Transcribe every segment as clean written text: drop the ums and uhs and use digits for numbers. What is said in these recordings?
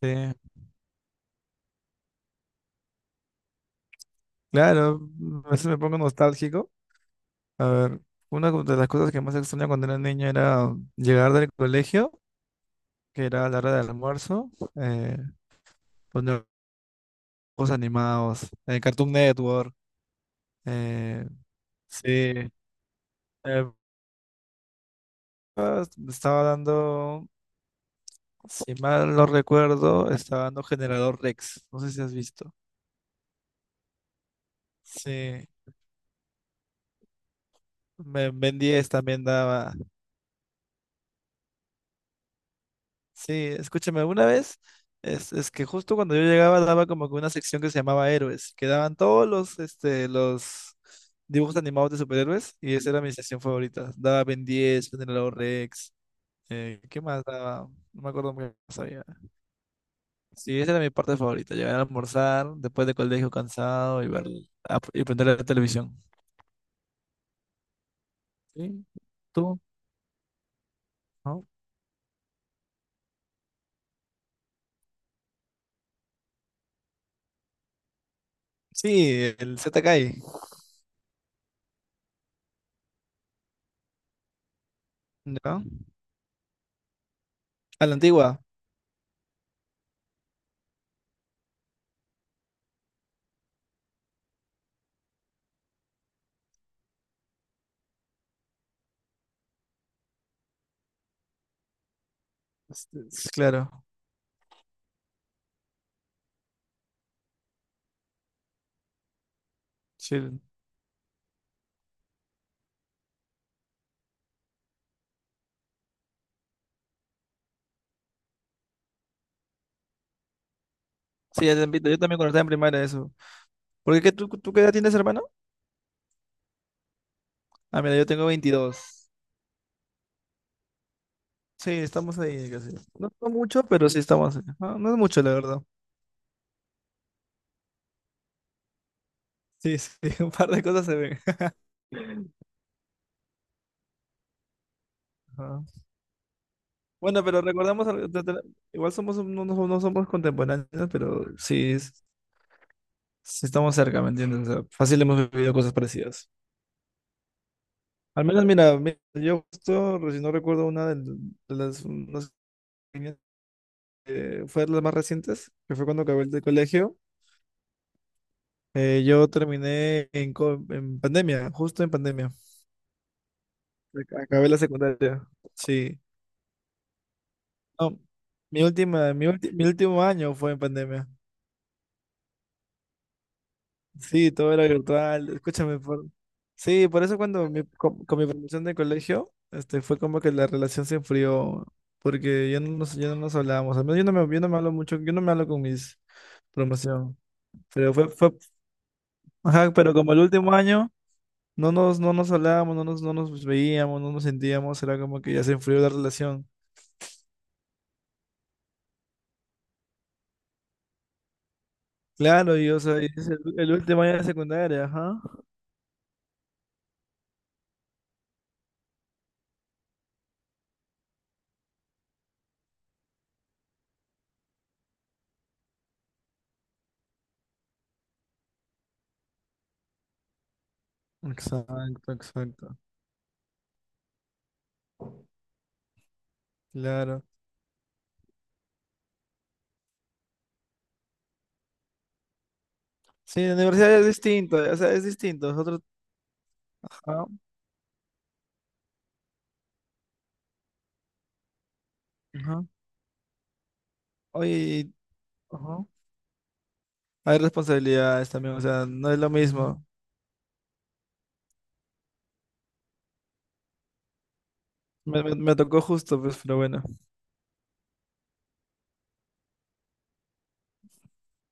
Sí, claro, a veces me pongo nostálgico. A ver, una de las cosas que más extraña cuando era niño era llegar del colegio, que era la hora del almuerzo, poner juegos animados, Cartoon Network, eh, sí. eh, ah, Estaba dando, si mal no recuerdo, estaba dando Generador Rex, no sé si has visto. Sí, Ben 10 también daba. Sí, escúchame, una vez es que justo cuando yo llegaba daba como que una sección que se llamaba Héroes, que daban todos los dibujos animados de superhéroes y esa era mi sección favorita. Daba Ben 10, Generador Rex, ¿qué más daba? No me acuerdo muy bien qué más había. Sí, esa era mi parte favorita, llegar a almorzar después de colegio cansado y ver y prender la televisión. ¿Sí? ¿Tú? ¿No? Sí, el ZKI, ¿no? A la antigua. Este, sí, claro, sí. Sí, ya te invito. Yo también cuando estaba en primaria eso. Porque qué, ¿tú qué edad tienes, hermano? Ah, mira, yo tengo 22. Sí, estamos ahí casi. No, no mucho, pero sí estamos ahí. Ah, no, es mucho, la verdad. Sí, sí, un par de cosas se ven. Ajá. Bueno, pero recordamos, algo, igual somos, no, no somos contemporáneos, pero sí, sí estamos cerca, ¿me entiendes? O sea, fácil hemos vivido cosas parecidas. Al menos, mira, yo justo, si no recuerdo una de, las, unas que fue de las más recientes, que fue cuando acabé el de colegio. Yo terminé en, en pandemia, justo en pandemia. Acabé la secundaria. Sí. No, mi última, mi ulti- mi último año fue en pandemia. Sí, todo era virtual. Escúchame, por. Sí, por eso cuando con mi promoción de colegio, este, fue como que la relación se enfrió, porque ya no nos hablábamos. Al menos yo no me hablo mucho, yo no me hablo con mis promoción. Pero fue, ajá, pero como el último año. No nos hablábamos, no nos veíamos, no nos sentíamos, era como que ya se enfrió la relación. Claro, y o sea, y es el último año de secundaria, ajá. Exacto, exacto. Claro. Sí, la universidad es distinto, o sea, es distinto. Es otro, ajá, ajá. Oye, ajá. Hay responsabilidades también, o sea, no es lo mismo. Me tocó justo, pues, pero bueno.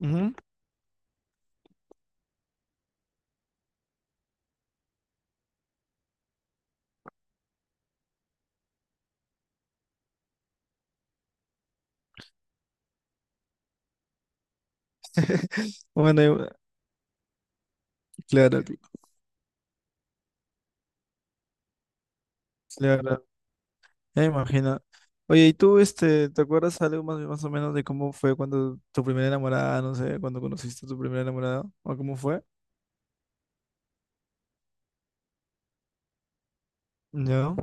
Ujú. Bueno, claro, claro. Ya me imagino. Oye, ¿y tú, este, te acuerdas algo más, más o menos de cómo fue cuando tu primera enamorada, no sé, cuando conociste a tu primera enamorada? ¿O cómo fue? Ya,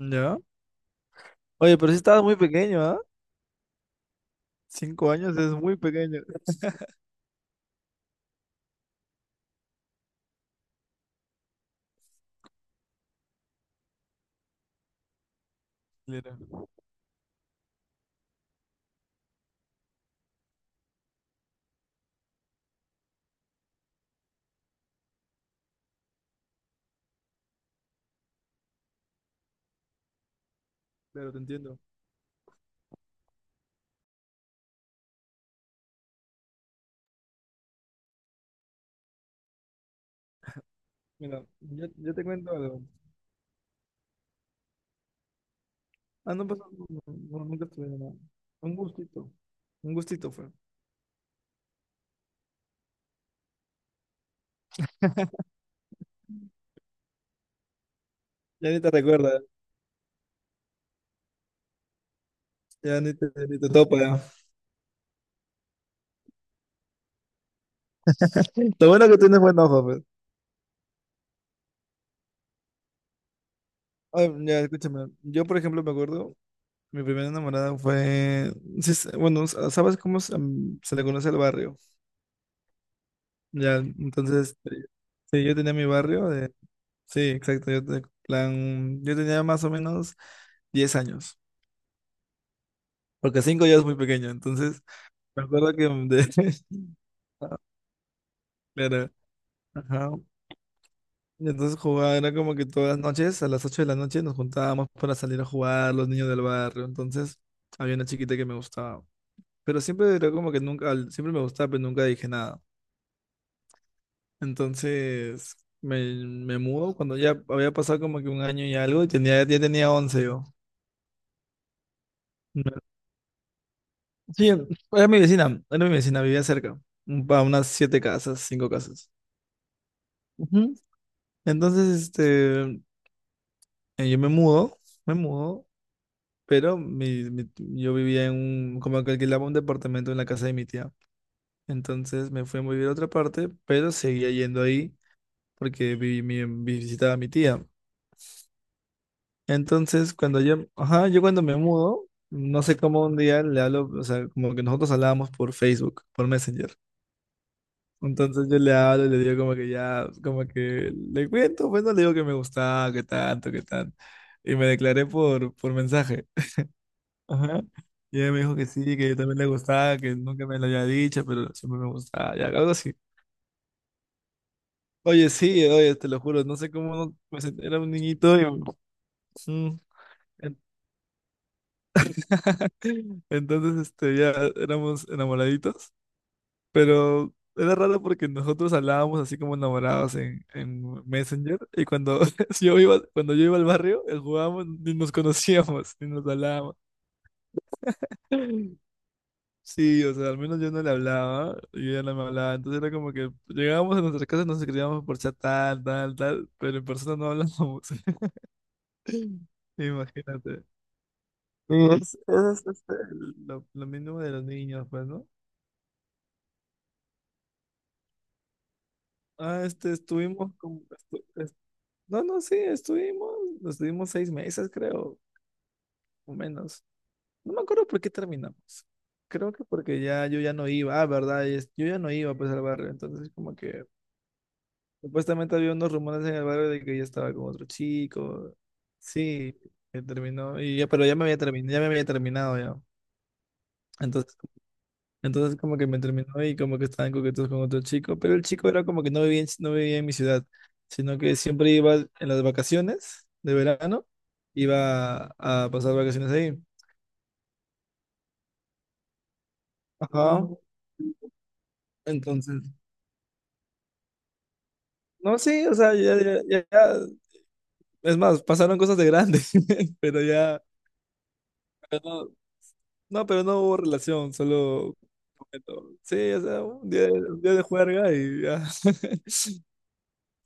ya. Oye, pero sí estabas muy pequeño, ¿ah? 5 años es muy pequeño. Claro, claro, te entiendo. Mira, yo te cuento algo. Ah, no pasó, no, no, nunca estuve nada. Un gustito, un gustito fue. Ya ni te recuerdas, ya ni te topa, ya. Lo bueno que tienes buen ojo, pues. Ay, ya, escúchame. Yo, por ejemplo, me acuerdo. Mi primera enamorada fue, sí, bueno, ¿sabes cómo se le conoce el barrio? Ya, entonces, sí, yo tenía mi barrio de, sí, exacto, yo, plan, yo tenía más o menos 10 años, porque 5 ya es muy pequeño, entonces, me acuerdo que, ah, claro, ajá, y entonces jugaba, era como que todas las noches, a las 8 de la noche nos juntábamos para salir a jugar, los niños del barrio, entonces, había una chiquita que me gustaba, pero siempre era como que nunca, siempre me gustaba, pero nunca dije nada. Entonces me, me mudo cuando ya había pasado como que un año y algo y ya tenía 11 yo. Me- Sí, era mi vecina, vivía cerca, a unas siete casas, cinco casas. Ujú. Entonces, este, yo me mudo, pero yo vivía en como que alquilaba un departamento en la casa de mi tía. Entonces me fui a vivir a otra parte, pero seguía yendo ahí porque visitaba a mi tía. Entonces, cuando yo, ajá, yo cuando me mudo, no sé cómo un día le hablo, o sea, como que nosotros hablábamos por Facebook, por Messenger. Entonces yo le hablo y le digo como que ya, como que le cuento, pues no le digo que me gustaba, que tanto, que tanto. Y me declaré por mensaje. Ajá. Y ella me dijo que sí, que yo también le gustaba, que nunca me lo había dicho, pero siempre me gustaba, ya, algo así. Oye, sí, oye, te lo juro, no sé cómo era un niñito y. Mm. Entonces, este, ya éramos enamoraditos, pero era raro porque nosotros hablábamos así como enamorados en Messenger y cuando yo iba al barrio, jugábamos, ni nos conocíamos, ni nos hablábamos. Sí, o sea, al menos yo no le hablaba, y ella no me hablaba, entonces era como que llegábamos a nuestras casas, nos escribíamos por chat tal, tal, tal, pero en persona no hablábamos. Imagínate. Y es, este, lo mínimo de los niños, pues, ¿no? Ah, este, estuvimos como, no, no, sí, estuvimos 6 meses, creo, o menos. No me acuerdo por qué terminamos. Creo que porque ya yo ya no iba, ah, verdad, y yo ya no iba pues al barrio, entonces como que supuestamente había unos rumores en el barrio de que yo estaba con otro chico. Sí, que terminó, y ya, pero ya me había terminado, ya me había terminado ya. Entonces Entonces como que me terminó y como que estaban coquetos con otro chico, pero el chico era como que no vivía en mi ciudad, sino que siempre iba en las vacaciones de verano, iba a pasar vacaciones ahí. Ajá. Entonces, no, sí, o sea, ya, ya, es más, pasaron cosas de grandes, pero ya, pero no, no, pero no hubo relación, solo, coqueto. Sí, o sea, un día de juerga y ya, sí,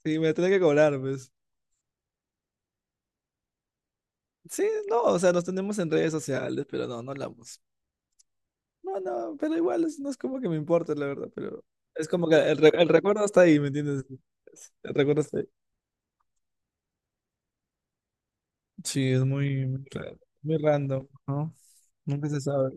me tenía que cobrar, pues. Sí, no, o sea, nos tenemos en redes sociales, pero no, no hablamos. No, no, pero igual no es como que me importa, la verdad, pero es como que el recuerdo está ahí, ¿me entiendes? El recuerdo está ahí. Sí, es muy, muy, muy random, ¿no? Nunca se sabe.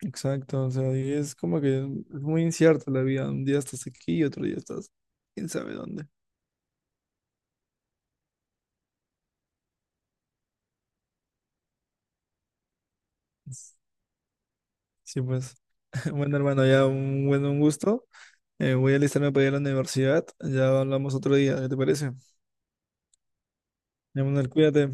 Exacto, o sea, y es como que es muy incierto la vida. Un día estás aquí y otro día estás quién sabe dónde. Sí, pues, bueno, hermano, ya un gusto. Voy a alistarme para ir a la universidad. Ya hablamos otro día, ¿qué te parece? Ya, Manuel, cuídate.